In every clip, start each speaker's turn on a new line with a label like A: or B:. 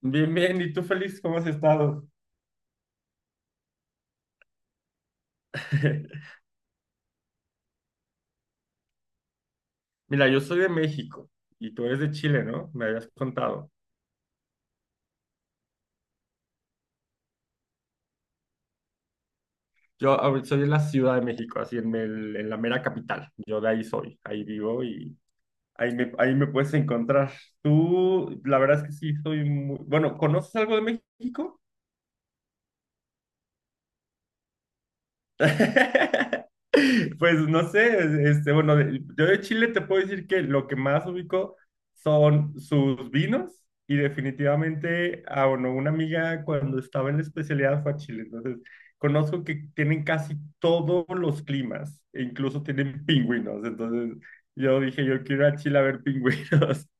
A: Bien, bien. ¿Y tú, Feliz, cómo has estado? Mira, yo soy de México y tú eres de Chile, ¿no? Me habías contado. Soy de la Ciudad de México, así en la mera capital. Yo de ahí soy, ahí vivo y ahí me puedes encontrar. Tú, la verdad es que sí, soy muy... Bueno, ¿conoces algo de México? Pues no sé, bueno, yo de Chile te puedo decir que lo que más ubico son sus vinos y definitivamente, ah, bueno, una amiga cuando estaba en la especialidad fue a Chile, entonces conozco que tienen casi todos los climas, e incluso tienen pingüinos, entonces yo dije, yo quiero ir a Chile a ver pingüinos.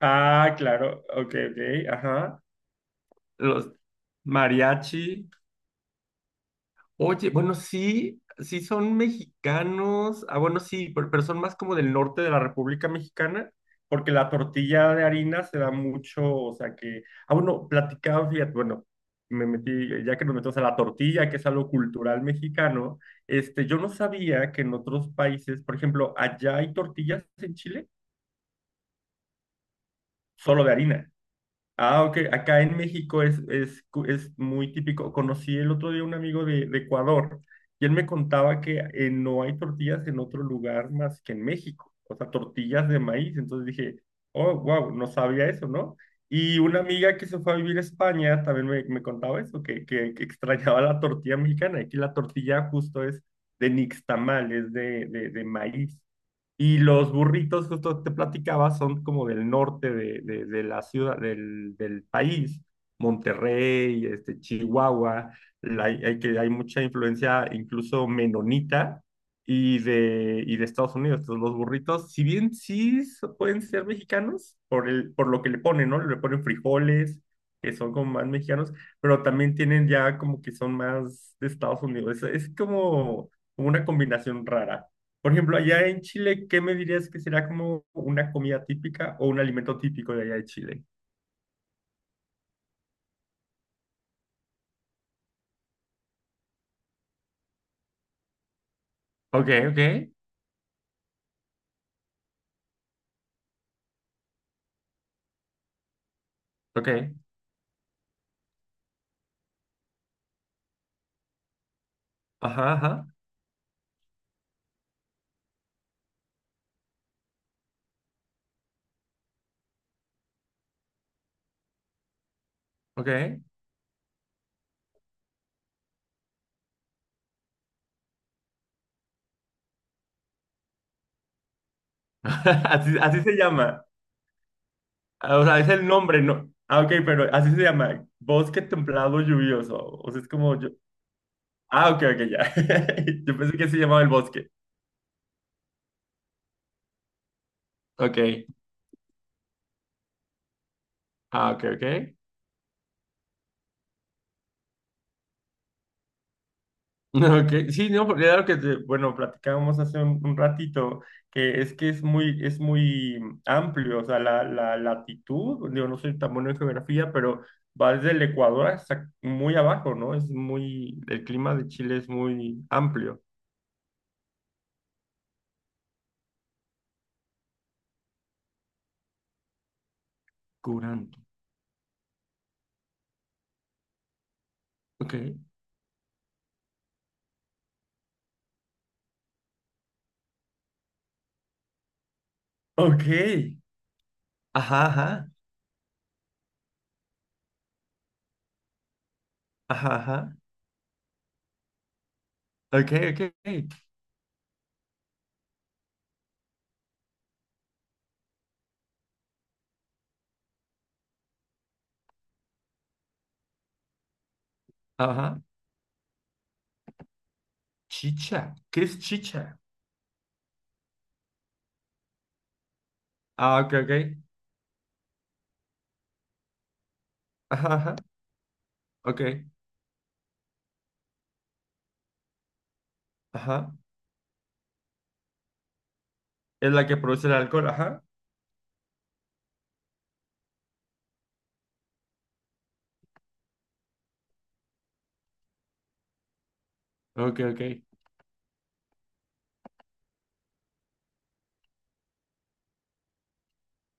A: Ah, claro, ok, ok, ajá. Los mariachi. Oye, bueno, sí, sí son mexicanos. Ah, bueno, sí, pero son más como del norte de la República Mexicana, porque la tortilla de harina se da mucho, o sea que, ah, bueno, platicaba, fíjate, bueno, me metí, ya que nos metemos a la tortilla, que es algo cultural mexicano, yo no sabía que en otros países, por ejemplo, allá hay tortillas en Chile, solo de harina. Ah, ok. Acá en México es muy típico. Conocí el otro día un amigo de Ecuador y él me contaba que no hay tortillas en otro lugar más que en México. O sea, tortillas de maíz. Entonces dije, oh, wow, no sabía eso, ¿no? Y una amiga que se fue a vivir a España también me contaba eso, que extrañaba la tortilla mexicana. Aquí la tortilla justo es de nixtamal, es de maíz. Y los burritos, justo te platicaba, son como del norte de la ciudad, del país, Monterrey, Chihuahua, hay mucha influencia incluso menonita y de Estados Unidos. Entonces los burritos, si bien pueden ser mexicanos, por lo que le ponen, ¿no? Le ponen frijoles, que son como más mexicanos, pero también tienen ya como que son más de Estados Unidos. Es como como una combinación rara. Por ejemplo, allá en Chile, ¿qué me dirías que será como una comida típica o un alimento típico de allá de Chile? Ok, ok, ok. Ajá, ajá, ok. Así, así se llama. Ah, o sea, es el nombre, ¿no? Ah, ok, pero así se llama. Bosque templado lluvioso. O sea, es como yo. Ah, ok, ok, ya. Yo pensé que se llamaba el bosque. Ok, ah, ok, ok. Ok, sí, no, porque era lo que, bueno, platicábamos hace un ratito, que es muy amplio, o sea, la latitud, digo, no soy tan bueno en geografía, pero va desde el Ecuador hasta muy abajo, ¿no? Es muy, el clima de Chile es muy amplio. Curanto. Ok. Ok. Ajá, ajá, ajá, ajá. Ok, ok, ok. Ajá. Chicha. ¿Qué es chicha? Ah, ok, ok. Ajá, ajá. Ok, ajá. Es la que produce el alcohol, ajá. Ok, ok.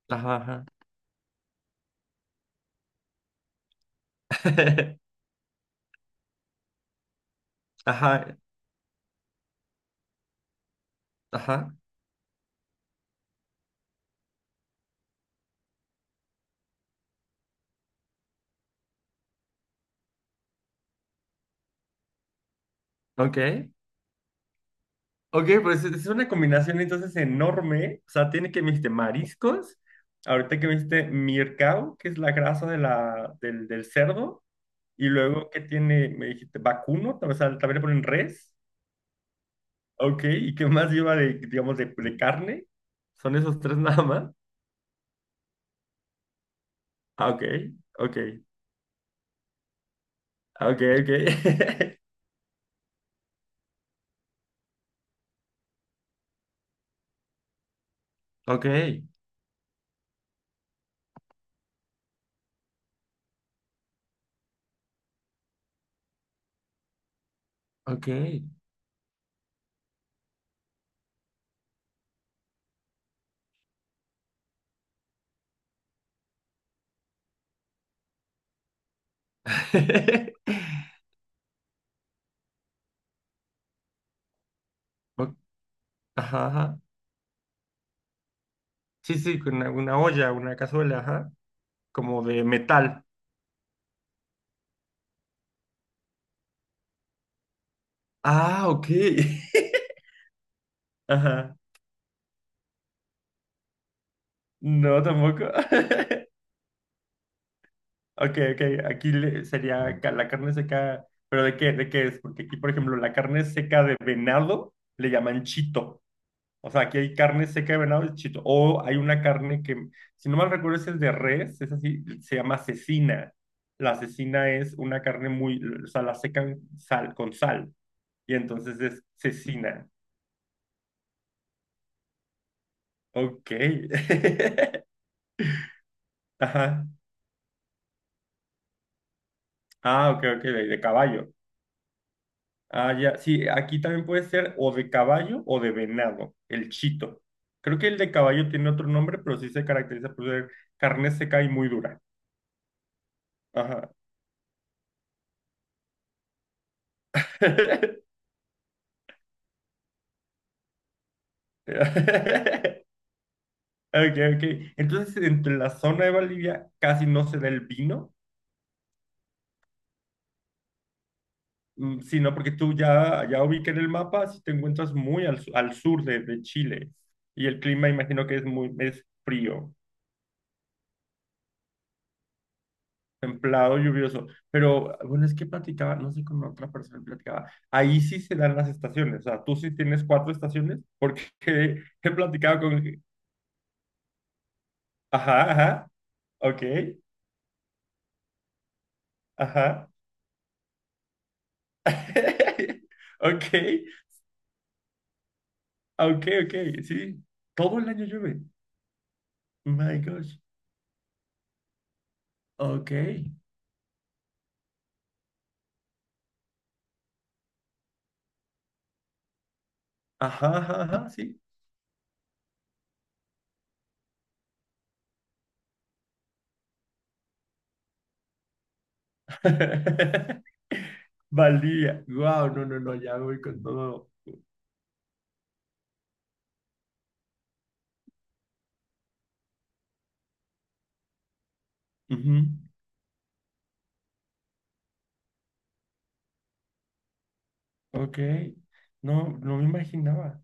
A: Ajá, ajá. Ajá, ajá. Ok. Ok, pues es una combinación entonces enorme. O sea, tiene que me dijiste mariscos. Ahorita que me dijiste mircao, que es la grasa de la, del cerdo. Y luego que tiene, me dijiste vacuno, o sea, también le ponen res. Ok, ¿y qué más lleva de, digamos, de carne? Son esos tres nada más. Ah, ok, ok, ok, ok. Ok, ok. Ok, ajá, ajá. Sí, sí, con una olla, una cazuela, ajá. Como de metal. Ah, ok. Ajá. No, tampoco. Ok, ok. Sería la carne seca. ¿Pero de qué? ¿De qué es? Porque aquí, por ejemplo, la carne seca de venado le llaman chito. O sea, aquí hay carne seca de venado y chito. O hay una carne que, si no mal recuerdo, es el de res, es así, se llama cecina. La cecina es una carne muy, o sea, la secan sal, con sal. Y entonces es cecina. Ok. Ajá. Ah, ok, ok, de caballo. Ah, ya. Sí, aquí también puede ser o de caballo o de venado, el chito. Creo que el de caballo tiene otro nombre, pero sí se caracteriza por ser carne seca y muy dura. Ajá. Ok, ok. Entonces, entre la zona de Bolivia casi no se da el vino. Mm, sí, no, porque tú ya, ya ubiqué en el mapa, si te encuentras muy al sur de Chile y el clima imagino que es frío, templado, lluvioso, pero bueno, es que platicaba, no sé con otra persona platicaba, ahí sí se dan las estaciones, o sea, tú sí tienes cuatro estaciones porque he platicado con, ajá, ajá, ok, ajá, ok, ok, ok, sí, todo el año llueve, my gosh, ok. Ajá, ajá, ajá, sí. Valdivia. Wow, no, no, no, ya voy con todo. Ujú, ok. No, no me imaginaba.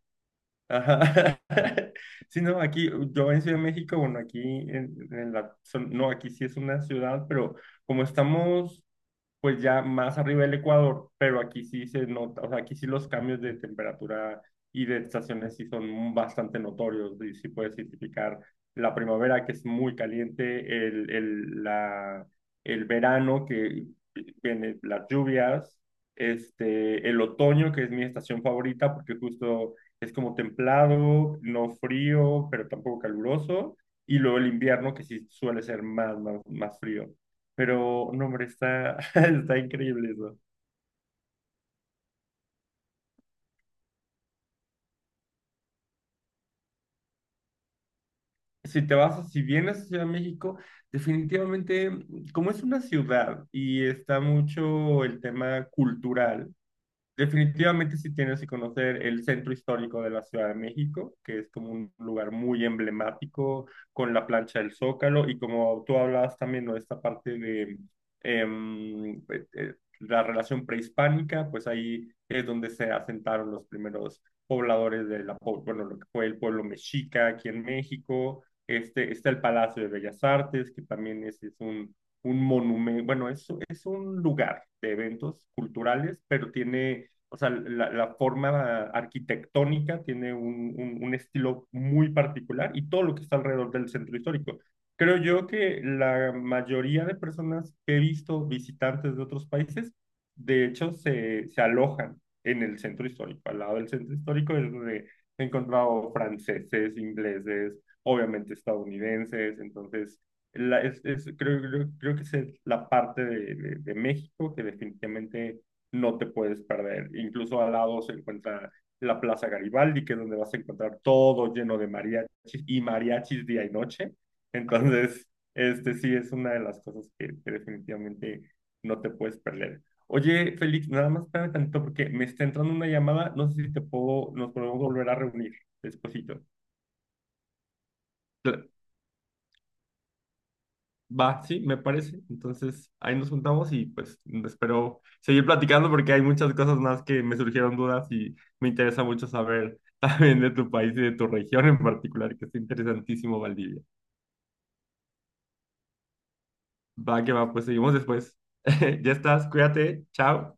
A: Ajá. Sí, no, aquí, yo en Ciudad de México, bueno, aquí en la, no, aquí sí es una ciudad, pero como estamos pues ya más arriba del Ecuador, pero aquí sí se nota, o sea, aquí sí los cambios de temperatura y de estaciones sí son bastante notorios, y sí puedes identificar la primavera que es muy caliente, el verano que viene las lluvias, el otoño que es mi estación favorita porque justo es como templado, no frío, pero tampoco caluroso, y luego el invierno que sí suele ser más frío. Pero, no, hombre, está, está increíble eso. Si te vas, si vienes a Ciudad de México, definitivamente, como es una ciudad y está mucho el tema cultural, definitivamente sí tienes que conocer el centro histórico de la Ciudad de México, que es como un lugar muy emblemático con la plancha del Zócalo y como tú hablabas también no esta parte de la relación prehispánica, pues ahí es donde se asentaron los primeros pobladores de la, bueno, lo que fue el pueblo mexica aquí en México. Este, está el Palacio de Bellas Artes, que también es un monumento, bueno, es un lugar de eventos culturales, pero tiene o sea, la forma arquitectónica tiene un, un estilo muy particular y todo lo que está alrededor del centro histórico. Creo yo que la mayoría de personas que he visto visitantes de otros países, de hecho, se alojan en el centro histórico. Al lado del centro histórico es donde he encontrado franceses, ingleses, obviamente estadounidenses, entonces creo, creo que esa es la parte de México que definitivamente no te puedes perder. Incluso al lado se encuentra la Plaza Garibaldi, que es donde vas a encontrar todo lleno de mariachis y mariachis día y noche. Entonces, este sí es una de las cosas que definitivamente no te puedes perder. Oye, Félix, nada más espérame tantito porque me está entrando una llamada. No sé si te puedo, nos podemos volver a reunir despuesito. Va, sí, me parece. Entonces, ahí nos juntamos y pues espero seguir platicando porque hay muchas cosas más que me surgieron dudas y me interesa mucho saber también de tu país y de tu región en particular, que es interesantísimo, Valdivia. Va, que va, pues seguimos después. Ya estás, cuídate, chao.